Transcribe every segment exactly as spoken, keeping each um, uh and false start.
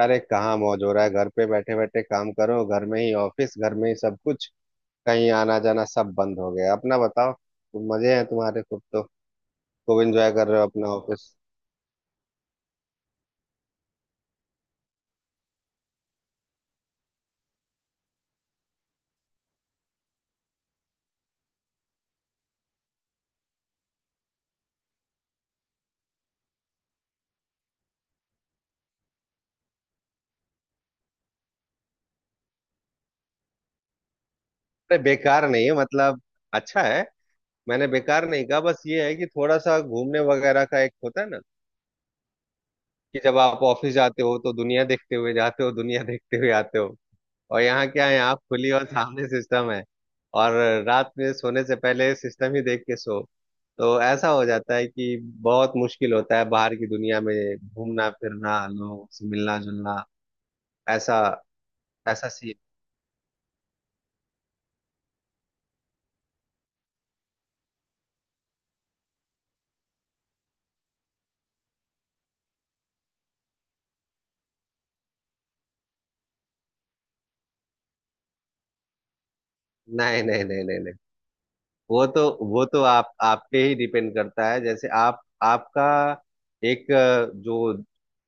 अरे कहाँ मौज हो रहा है। घर पे बैठे बैठे काम करो, घर में ही ऑफिस घर में ही सब कुछ। कहीं आना जाना सब बंद हो गया। अपना बताओ, तुम मजे हैं तुम्हारे खूब तो खूब एंजॉय कर रहे हो अपना ऑफिस। अरे बेकार नहीं है, मतलब अच्छा है। मैंने बेकार नहीं कहा, बस ये है कि थोड़ा सा घूमने वगैरह का एक होता है ना, कि जब आप ऑफिस जाते हो तो दुनिया देखते हुए जाते हो, दुनिया देखते हुए आते हो। और यहाँ क्या है, यहाँ खुली और सामने सिस्टम है। और रात में सोने से पहले सिस्टम ही देख के सो। तो ऐसा हो जाता है कि बहुत मुश्किल होता है बाहर की दुनिया में घूमना फिरना, लोगों से मिलना जुलना। ऐसा ऐसा सी नहीं, नहीं, नहीं, नहीं, नहीं। वो तो वो तो आप आप पे ही डिपेंड करता है। जैसे आप आपका एक अ, जो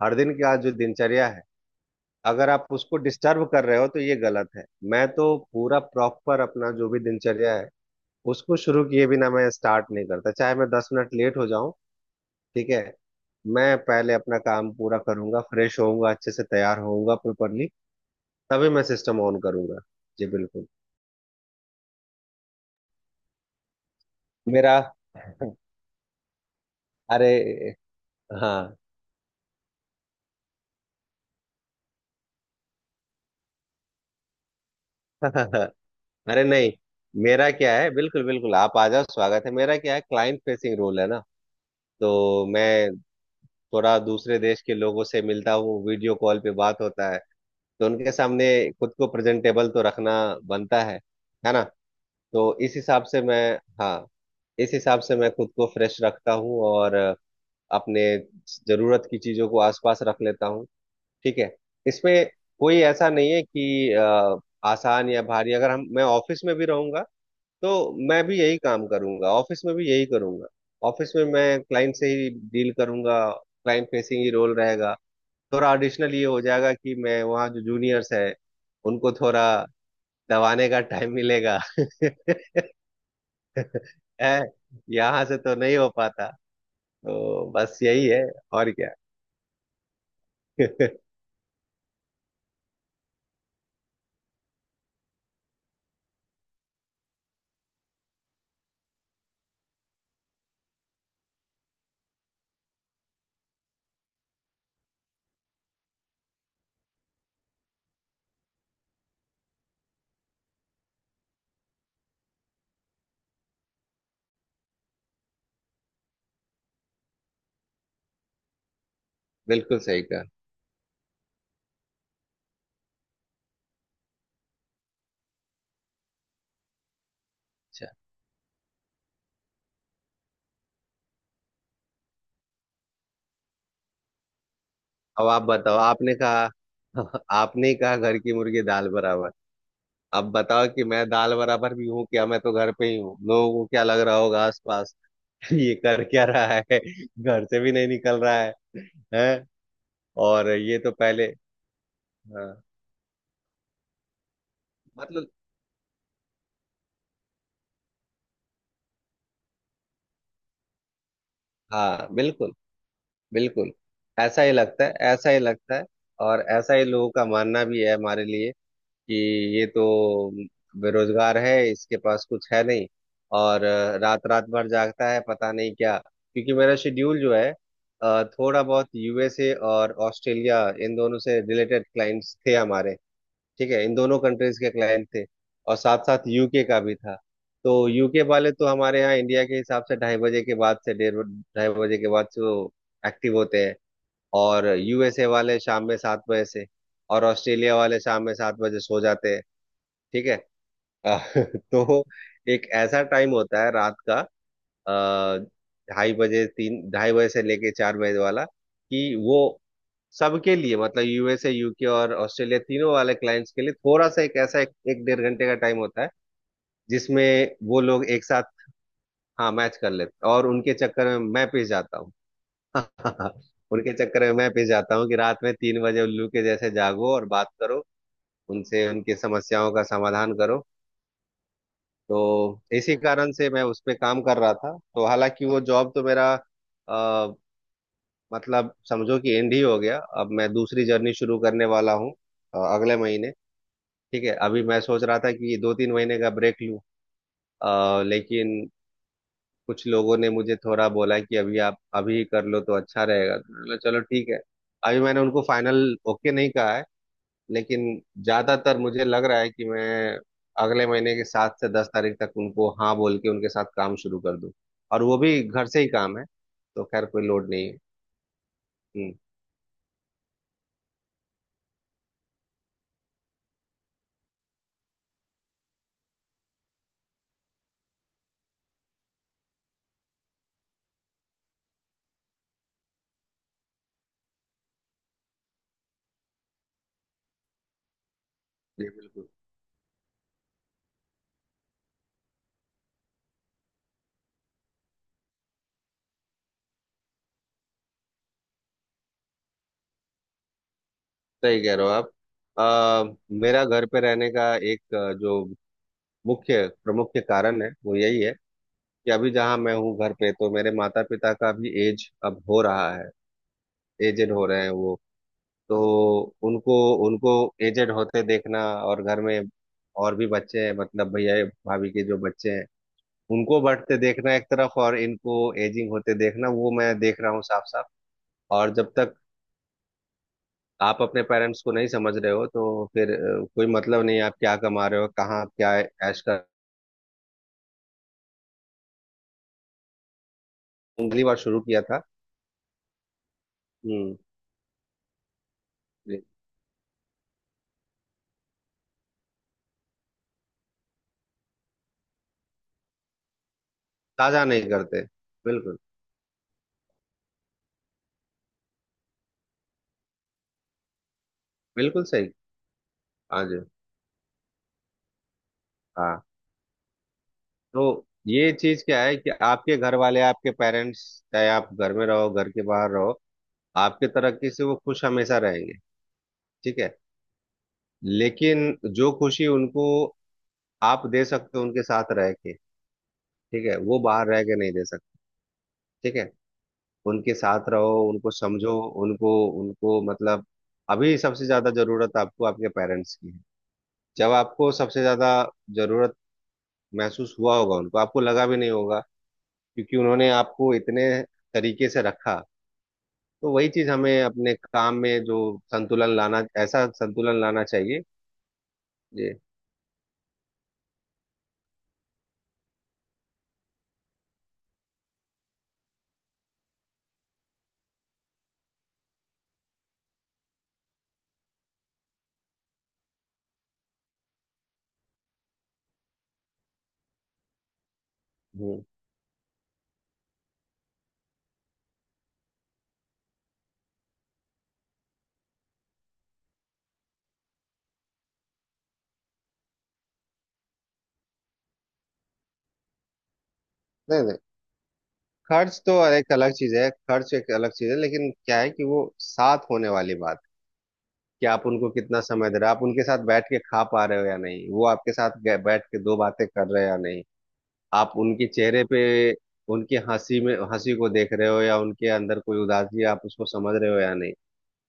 हर दिन का जो दिनचर्या है, अगर आप उसको डिस्टर्ब कर रहे हो तो ये गलत है। मैं तो पूरा प्रॉपर अपना जो भी दिनचर्या है, उसको शुरू किए बिना मैं स्टार्ट नहीं करता, चाहे मैं दस मिनट लेट हो जाऊं। ठीक है। मैं पहले अपना काम पूरा करूंगा, फ्रेश होऊंगा, अच्छे से तैयार होऊंगा, प्रॉपरली तभी मैं सिस्टम ऑन करूंगा। जी बिल्कुल। मेरा। अरे। हाँ। अरे नहीं, मेरा क्या है, बिल्कुल बिल्कुल आप आ जाओ, स्वागत है। मेरा क्या है, क्लाइंट फेसिंग रोल है ना। तो मैं थोड़ा दूसरे देश के लोगों से मिलता हूँ, वीडियो कॉल पे बात होता है। तो उनके सामने खुद को प्रेजेंटेबल तो रखना बनता है है ना। तो इस हिसाब से मैं, हाँ, इस हिसाब से मैं खुद को फ्रेश रखता हूँ और अपने जरूरत की चीजों को आसपास रख लेता हूँ। ठीक है। इसमें कोई ऐसा नहीं है कि अ, आसान या भारी। अगर हम मैं ऑफिस में भी रहूंगा तो मैं भी यही काम करूंगा, ऑफिस में भी यही करूंगा। ऑफिस में मैं क्लाइंट से ही डील करूंगा, क्लाइंट फेसिंग ही रोल रहेगा। थोड़ा एडिशनल ये हो जाएगा कि मैं वहाँ जो जूनियर्स है उनको थोड़ा दबाने का टाइम मिलेगा। है। यहाँ से तो नहीं हो पाता। तो बस यही है, और क्या। बिल्कुल सही कहा। अच्छा। अब आप बताओ, आपने कहा। आपने ही कहा घर की मुर्गी दाल बराबर। अब बताओ कि मैं दाल बराबर भी हूँ क्या? मैं तो घर पे ही हूँ, लोगों को क्या लग रहा होगा आसपास। ये कर क्या रहा है? घर से भी नहीं निकल रहा है, हैं? और ये तो पहले, हाँ। मतलब हाँ, बिल्कुल बिल्कुल। ऐसा ही लगता है, ऐसा ही लगता है। और ऐसा ही लोगों का मानना भी है हमारे लिए, कि ये तो बेरोजगार है, इसके पास कुछ है नहीं। और रात रात भर जागता है, पता नहीं क्या। क्योंकि मेरा शेड्यूल जो है, अ, थोड़ा बहुत यू एस ए और ऑस्ट्रेलिया, इन दोनों से रिलेटेड क्लाइंट्स थे हमारे। ठीक है, इन दोनों कंट्रीज के क्लाइंट थे। और साथ साथ यू के का भी था। तो यू के वाले तो हमारे यहाँ इंडिया के हिसाब से ढाई बजे के बाद से, डेढ़ ढाई बजे के बाद से वो एक्टिव होते हैं। और यूएसए वाले शाम में सात बजे से, और ऑस्ट्रेलिया वाले शाम में सात बजे सो जाते हैं। ठीक है। अ, तो एक ऐसा टाइम होता है रात का, अ, ढाई बजे तीन, ढाई बजे से लेके चार बजे वाला कि वो सबके लिए, मतलब यू एस ए यू के और ऑस्ट्रेलिया, तीनों वाले क्लाइंट्स के लिए थोड़ा सा एक ऐसा एक, एक डेढ़ घंटे का टाइम होता है जिसमें वो लोग एक साथ, हाँ, मैच कर लेते, और उनके चक्कर में मैं पिस जाता हूँ। उनके चक्कर में मैं पिस जाता हूँ कि रात में तीन बजे उल्लू के जैसे जागो और बात करो, उनसे उनकी समस्याओं का समाधान करो। तो इसी कारण से मैं उस पे काम कर रहा था। तो हालांकि वो जॉब तो मेरा अ, मतलब समझो कि एंड ही हो गया। अब मैं दूसरी जर्नी शुरू करने वाला हूँ, अ, अगले महीने। ठीक है, अभी मैं सोच रहा था कि दो तीन महीने का ब्रेक लूँ, अ, लेकिन कुछ लोगों ने मुझे थोड़ा बोला कि अभी आप अभी कर लो तो अच्छा रहेगा, तो मैंने बोला, चलो ठीक है। अभी मैंने उनको फाइनल ओके नहीं कहा है। लेकिन ज्यादातर मुझे लग रहा है कि मैं अगले महीने की सात से दस तारीख तक उनको हाँ बोल के उनके साथ काम शुरू कर दूं। और वो भी घर से ही काम है, तो खैर कोई लोड नहीं है। हम्म, जी बिल्कुल। सही कह रहे हो आप। अ, मेरा घर पे रहने का एक अ, जो मुख्य प्रमुख कारण है वो यही है कि अभी जहाँ मैं हूँ घर पे, तो मेरे माता पिता का भी एज अब हो रहा है। एजेड हो रहे हैं वो। तो उनको उनको एजेड होते देखना, और घर में और भी बच्चे हैं, मतलब भैया भाभी के जो बच्चे हैं उनको बढ़ते देखना एक तरफ, और इनको एजिंग होते देखना, वो मैं देख रहा हूँ साफ साफ। और जब तक आप अपने पेरेंट्स को नहीं समझ रहे हो तो फिर अ, कोई मतलब नहीं है आप क्या कमा रहे हो, कहाँ आप क्या ऐश कर। अगली बार शुरू किया था। हम्म। ताजा नहीं करते। बिल्कुल। बिल्कुल सही। हाँ जी। हाँ। तो ये चीज क्या है कि आपके घर वाले, आपके पेरेंट्स, चाहे आप घर में रहो, घर के बाहर रहो, आपके तरक्की से वो खुश हमेशा रहेंगे। ठीक है। लेकिन जो खुशी उनको आप दे सकते हो उनके साथ रह के, ठीक है, वो बाहर रह के नहीं दे सकते। ठीक है। उनके साथ रहो, उनको समझो, उनको उनको मतलब, अभी सबसे ज्यादा जरूरत आपको आपके पेरेंट्स की है। जब आपको सबसे ज्यादा जरूरत महसूस हुआ होगा उनको, आपको लगा भी नहीं होगा, क्योंकि उन्होंने आपको इतने तरीके से रखा। तो वही चीज हमें अपने काम में जो संतुलन लाना, ऐसा संतुलन लाना चाहिए। जी। हम्म। नहीं नहीं, खर्च तो एक अलग चीज है, खर्च एक अलग चीज है। लेकिन क्या है कि वो साथ होने वाली बात, कि आप उनको कितना समय दे रहे हो, आप उनके साथ बैठ के खा पा रहे हो या नहीं, वो आपके साथ गे- बैठ के दो बातें कर रहे हो या नहीं। आप उनके चेहरे पे उनकी हंसी में हंसी को देख रहे हो, या उनके अंदर कोई उदासी आप उसको समझ रहे हो या नहीं।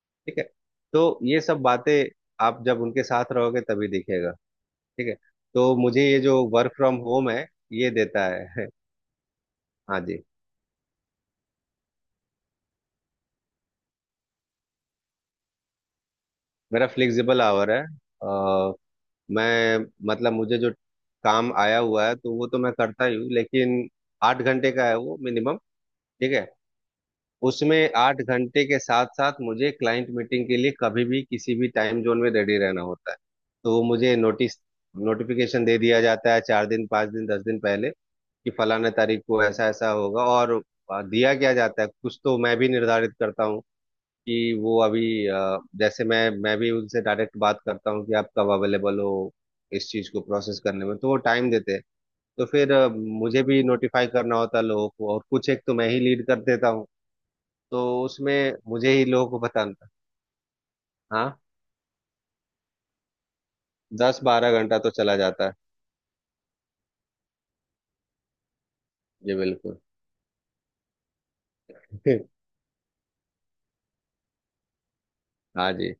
ठीक है। तो ये सब बातें आप जब उनके साथ रहोगे तभी दिखेगा। ठीक है, तो मुझे ये जो वर्क फ्रॉम होम है ये देता है। हाँ जी, मेरा फ्लेक्सिबल आवर है। आ, मैं मतलब मुझे जो काम आया हुआ है तो वो तो मैं करता ही हूँ। लेकिन आठ घंटे का है वो, मिनिमम। ठीक है। उसमें आठ घंटे के साथ साथ मुझे क्लाइंट मीटिंग के लिए कभी भी किसी भी टाइम जोन में रेडी रहना होता है। तो वो मुझे नोटिस नोटिफिकेशन दे दिया जाता है चार दिन पाँच दिन दस दिन पहले, कि फलाना तारीख को ऐसा ऐसा होगा। और दिया क्या जाता है, कुछ तो मैं भी निर्धारित करता हूँ कि वो अभी, अ, जैसे मैं मैं भी उनसे डायरेक्ट बात करता हूँ कि आप कब अवेलेबल हो इस चीज़ को प्रोसेस करने में। तो वो टाइम देते हैं। तो फिर अ, मुझे भी नोटिफाई करना होता है लोगों को, और कुछ एक तो मैं ही लीड कर देता हूँ। तो उसमें मुझे ही लोगों को बताना था। हाँ, दस बारह घंटा तो चला जाता है। जी बिल्कुल। हाँ जी।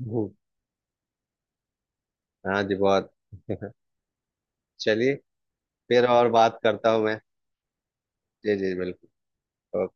हम्म। हाँ जी बहुत। चलिए, फिर और बात करता हूँ मैं। जी जी बिल्कुल। ओके।